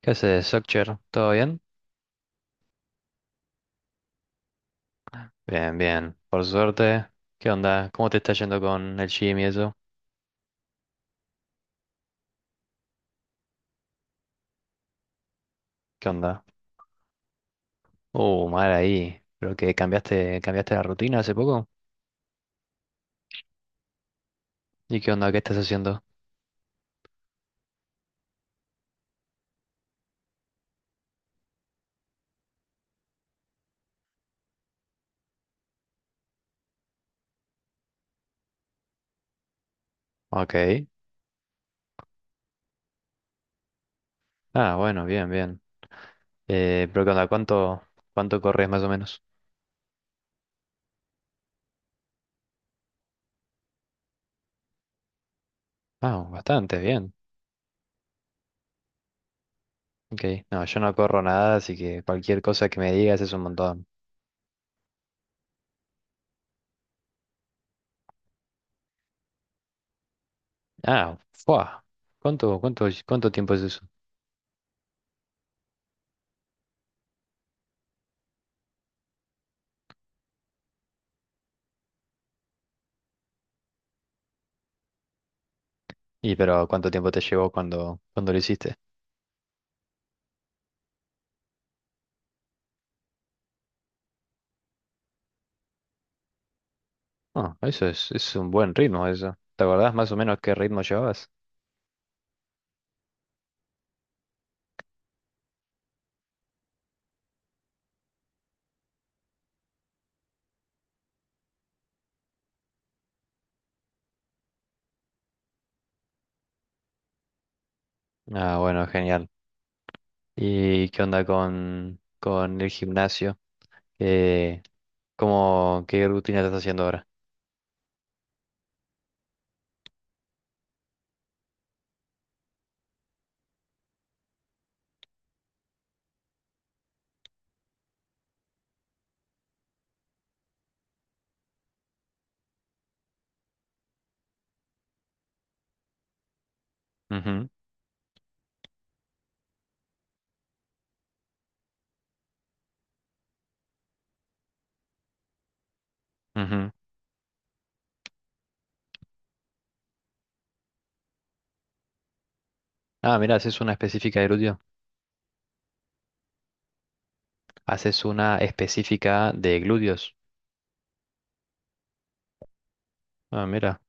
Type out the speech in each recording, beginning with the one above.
¿Qué haces, Soccer? ¿Todo bien? Bien, bien. Por suerte. ¿Qué onda? ¿Cómo te está yendo con el gym y eso? ¿Qué onda? Mal ahí. Creo que cambiaste la rutina hace poco. ¿Y qué onda? ¿Qué estás haciendo? Ok. Ah, bueno, bien, bien. Pero ¿qué onda? ¿cuánto corres más o menos? Ah, bastante, bien. Ok. No, yo no corro nada, así que cualquier cosa que me digas es un montón. Ah, fuah. ¿Cuánto tiempo es eso? Y pero ¿cuánto tiempo te llevó cuando lo hiciste? Ah, eso es un buen ritmo eso. ¿Te acordás más o menos qué ritmo llevabas? Ah, bueno, genial. ¿Y qué onda con el gimnasio? Eh, qué rutina estás haciendo ahora? Ujú, ujú. Ah, mira, haces una específica de glúteo. Haces una específica de glúteos. Ah, mira.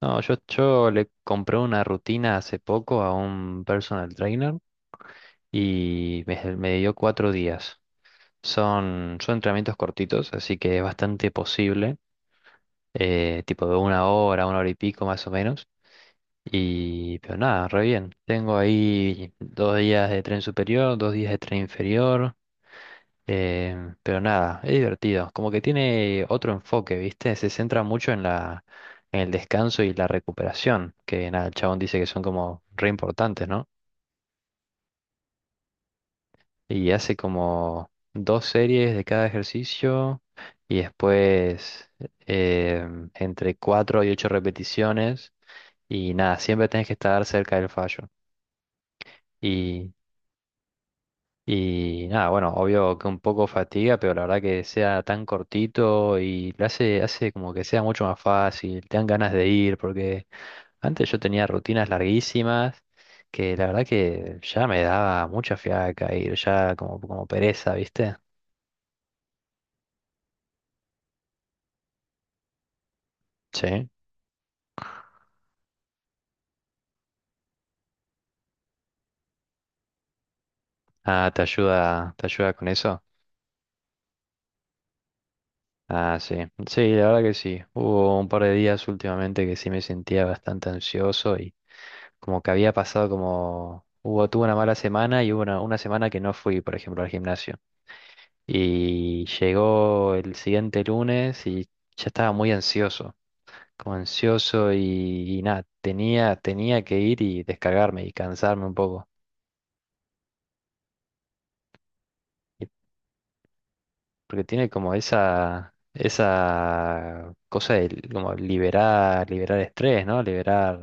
No, yo le compré una rutina hace poco a un personal trainer y me dio 4 días. Son entrenamientos cortitos, así que es bastante posible, tipo de una hora y pico más o menos. Y, pero nada, re bien. Tengo ahí 2 días de tren superior, 2 días de tren inferior, pero nada, es divertido. Como que tiene otro enfoque, ¿viste? Se centra mucho en el descanso y la recuperación, que nada, el chabón dice que son como re importantes, ¿no? Y hace como dos series de cada ejercicio y después entre cuatro y ocho repeticiones. Y nada, siempre tenés que estar cerca del fallo. Y, y nada, bueno, obvio que un poco fatiga, pero la verdad que sea tan cortito y lo hace como que sea mucho más fácil, te dan ganas de ir, porque antes yo tenía rutinas larguísimas que la verdad que ya me daba mucha fiaca ir, ya como pereza, ¿viste? Sí. Ah, te ayuda con eso. Ah, sí. Sí, la verdad que sí. Hubo un par de días últimamente que sí me sentía bastante ansioso y como que había pasado como hubo, tuve una mala semana y hubo una semana que no fui, por ejemplo, al gimnasio. Y llegó el siguiente lunes y ya estaba muy ansioso, como ansioso y nada, tenía que ir y descargarme y cansarme un poco. Porque tiene como esa cosa de como liberar, liberar estrés, ¿no? Liberar,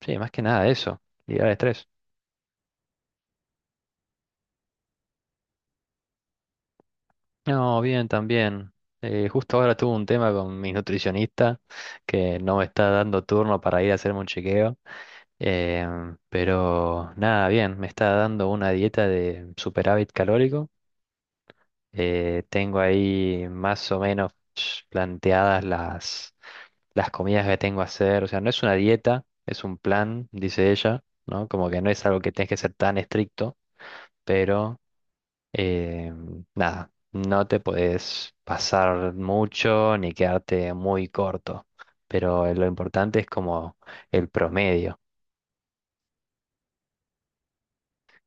sí, más que nada eso, liberar estrés. No, bien, también. Justo ahora tuve un tema con mi nutricionista que no me está dando turno para ir a hacerme un chequeo, pero nada, bien, me está dando una dieta de superávit calórico. Tengo ahí más o menos planteadas las comidas que tengo a hacer, o sea, no es una dieta, es un plan, dice ella, ¿no? Como que no es algo que tenés que ser tan estricto, pero eh, nada, no te podés pasar mucho ni quedarte muy corto, pero lo importante es como el promedio.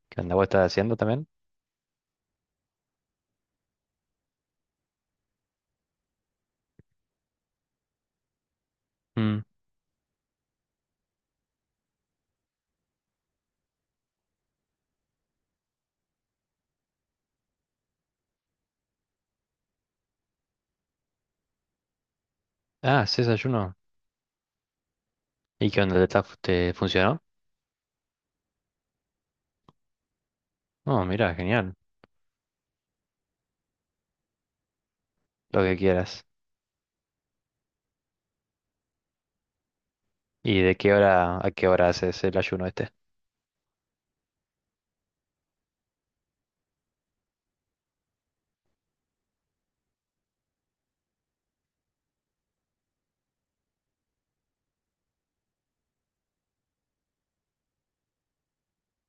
¿Qué onda vos estás haciendo también? Mm. Ah, sí, desayuno. ¿Y qué onda? ¿Te funcionó? Oh, mira, genial, lo que quieras. ¿Y de qué hora a qué hora haces el ayuno este?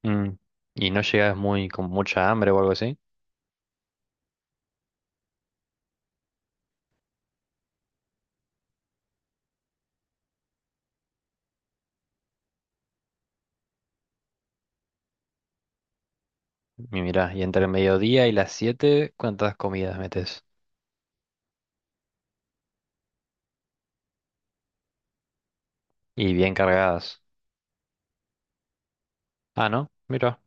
Mm. ¿Y no llegas muy con mucha hambre o algo así? Y mirá, y entre el mediodía y las siete, ¿cuántas comidas metes? Y bien cargadas. Ah, ¿no? Mira.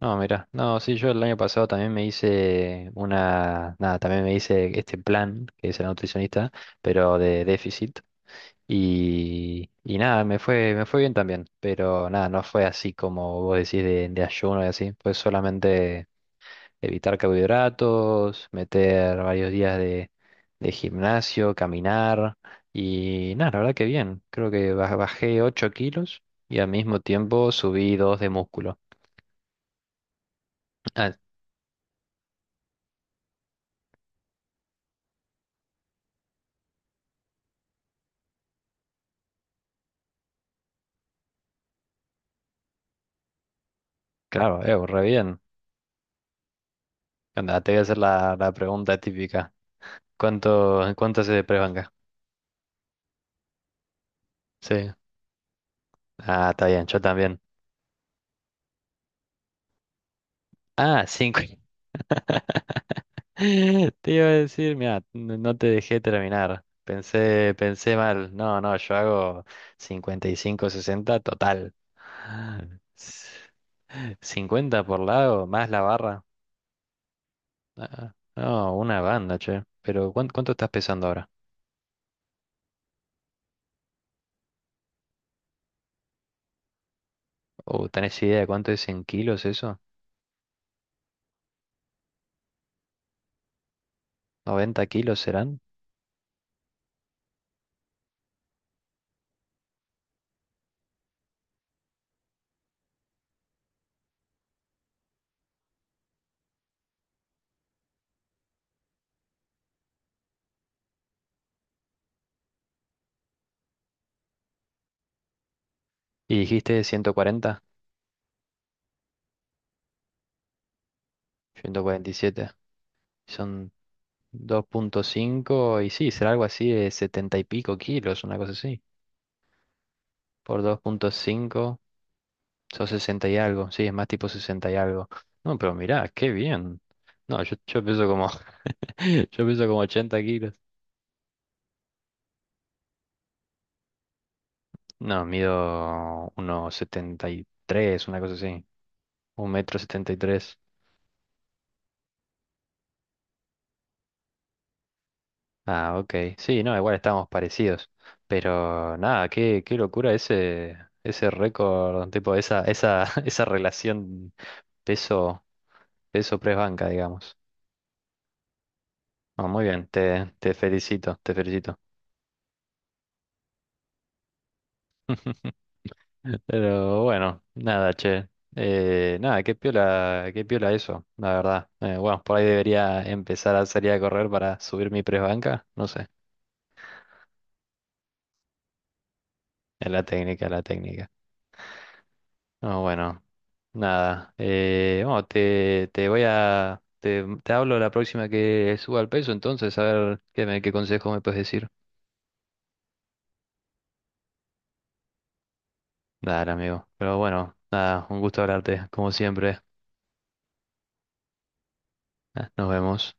No, mira. No, sí, yo el año pasado también me hice una... Nada, también me hice este plan que es el nutricionista, pero de déficit. Y nada, me fue bien también. Pero nada, no fue así como vos decís de ayuno y así. Fue solamente evitar carbohidratos, meter varios días de gimnasio, caminar y nada, la verdad que bien. Creo que bajé 8 kilos y al mismo tiempo subí 2 de músculo. Ah, claro, re bien. Anda, te voy a hacer la pregunta típica. ¿Cuánto hace de press? Sí. Ah, está bien, yo también. Ah, cinco. Te iba a decir, mira, no te dejé terminar. Pensé mal. No, no, yo hago 55, 60, total. S- 50 por lado, más la barra. Ah, no, una banda, che. Pero ¿cuánto estás pesando ahora? ¿O tenés idea de cuánto es en kilos eso? ¿90 kilos serán? ¿Y dijiste 140? 147. Son 2.5 y sí, será algo así de 70 y pico kilos, una cosa así. Por 2.5 son 60 y algo. Sí, es más tipo 60 y algo. No, pero mirá, qué bien. No, yo peso como, yo peso como 80 kilos. No, mido unos 73, una cosa así. Un metro 73. Ah, ok. Sí, no, igual estábamos parecidos. Pero nada, qué locura ese récord, tipo, esa relación peso, peso press banca, digamos. No, muy bien, te felicito, te felicito. Pero bueno, nada, che. Nada, qué piola eso, la verdad. Bueno, por ahí debería empezar a salir a correr para subir mi press banca. No sé. Es la técnica, la técnica. No, bueno, nada. Bueno, te voy a. Te hablo la próxima que suba el peso, entonces a ver qué consejos me puedes decir. Dale, amigo. Pero bueno, nada, un gusto hablarte, como siempre. Ah, nos vemos.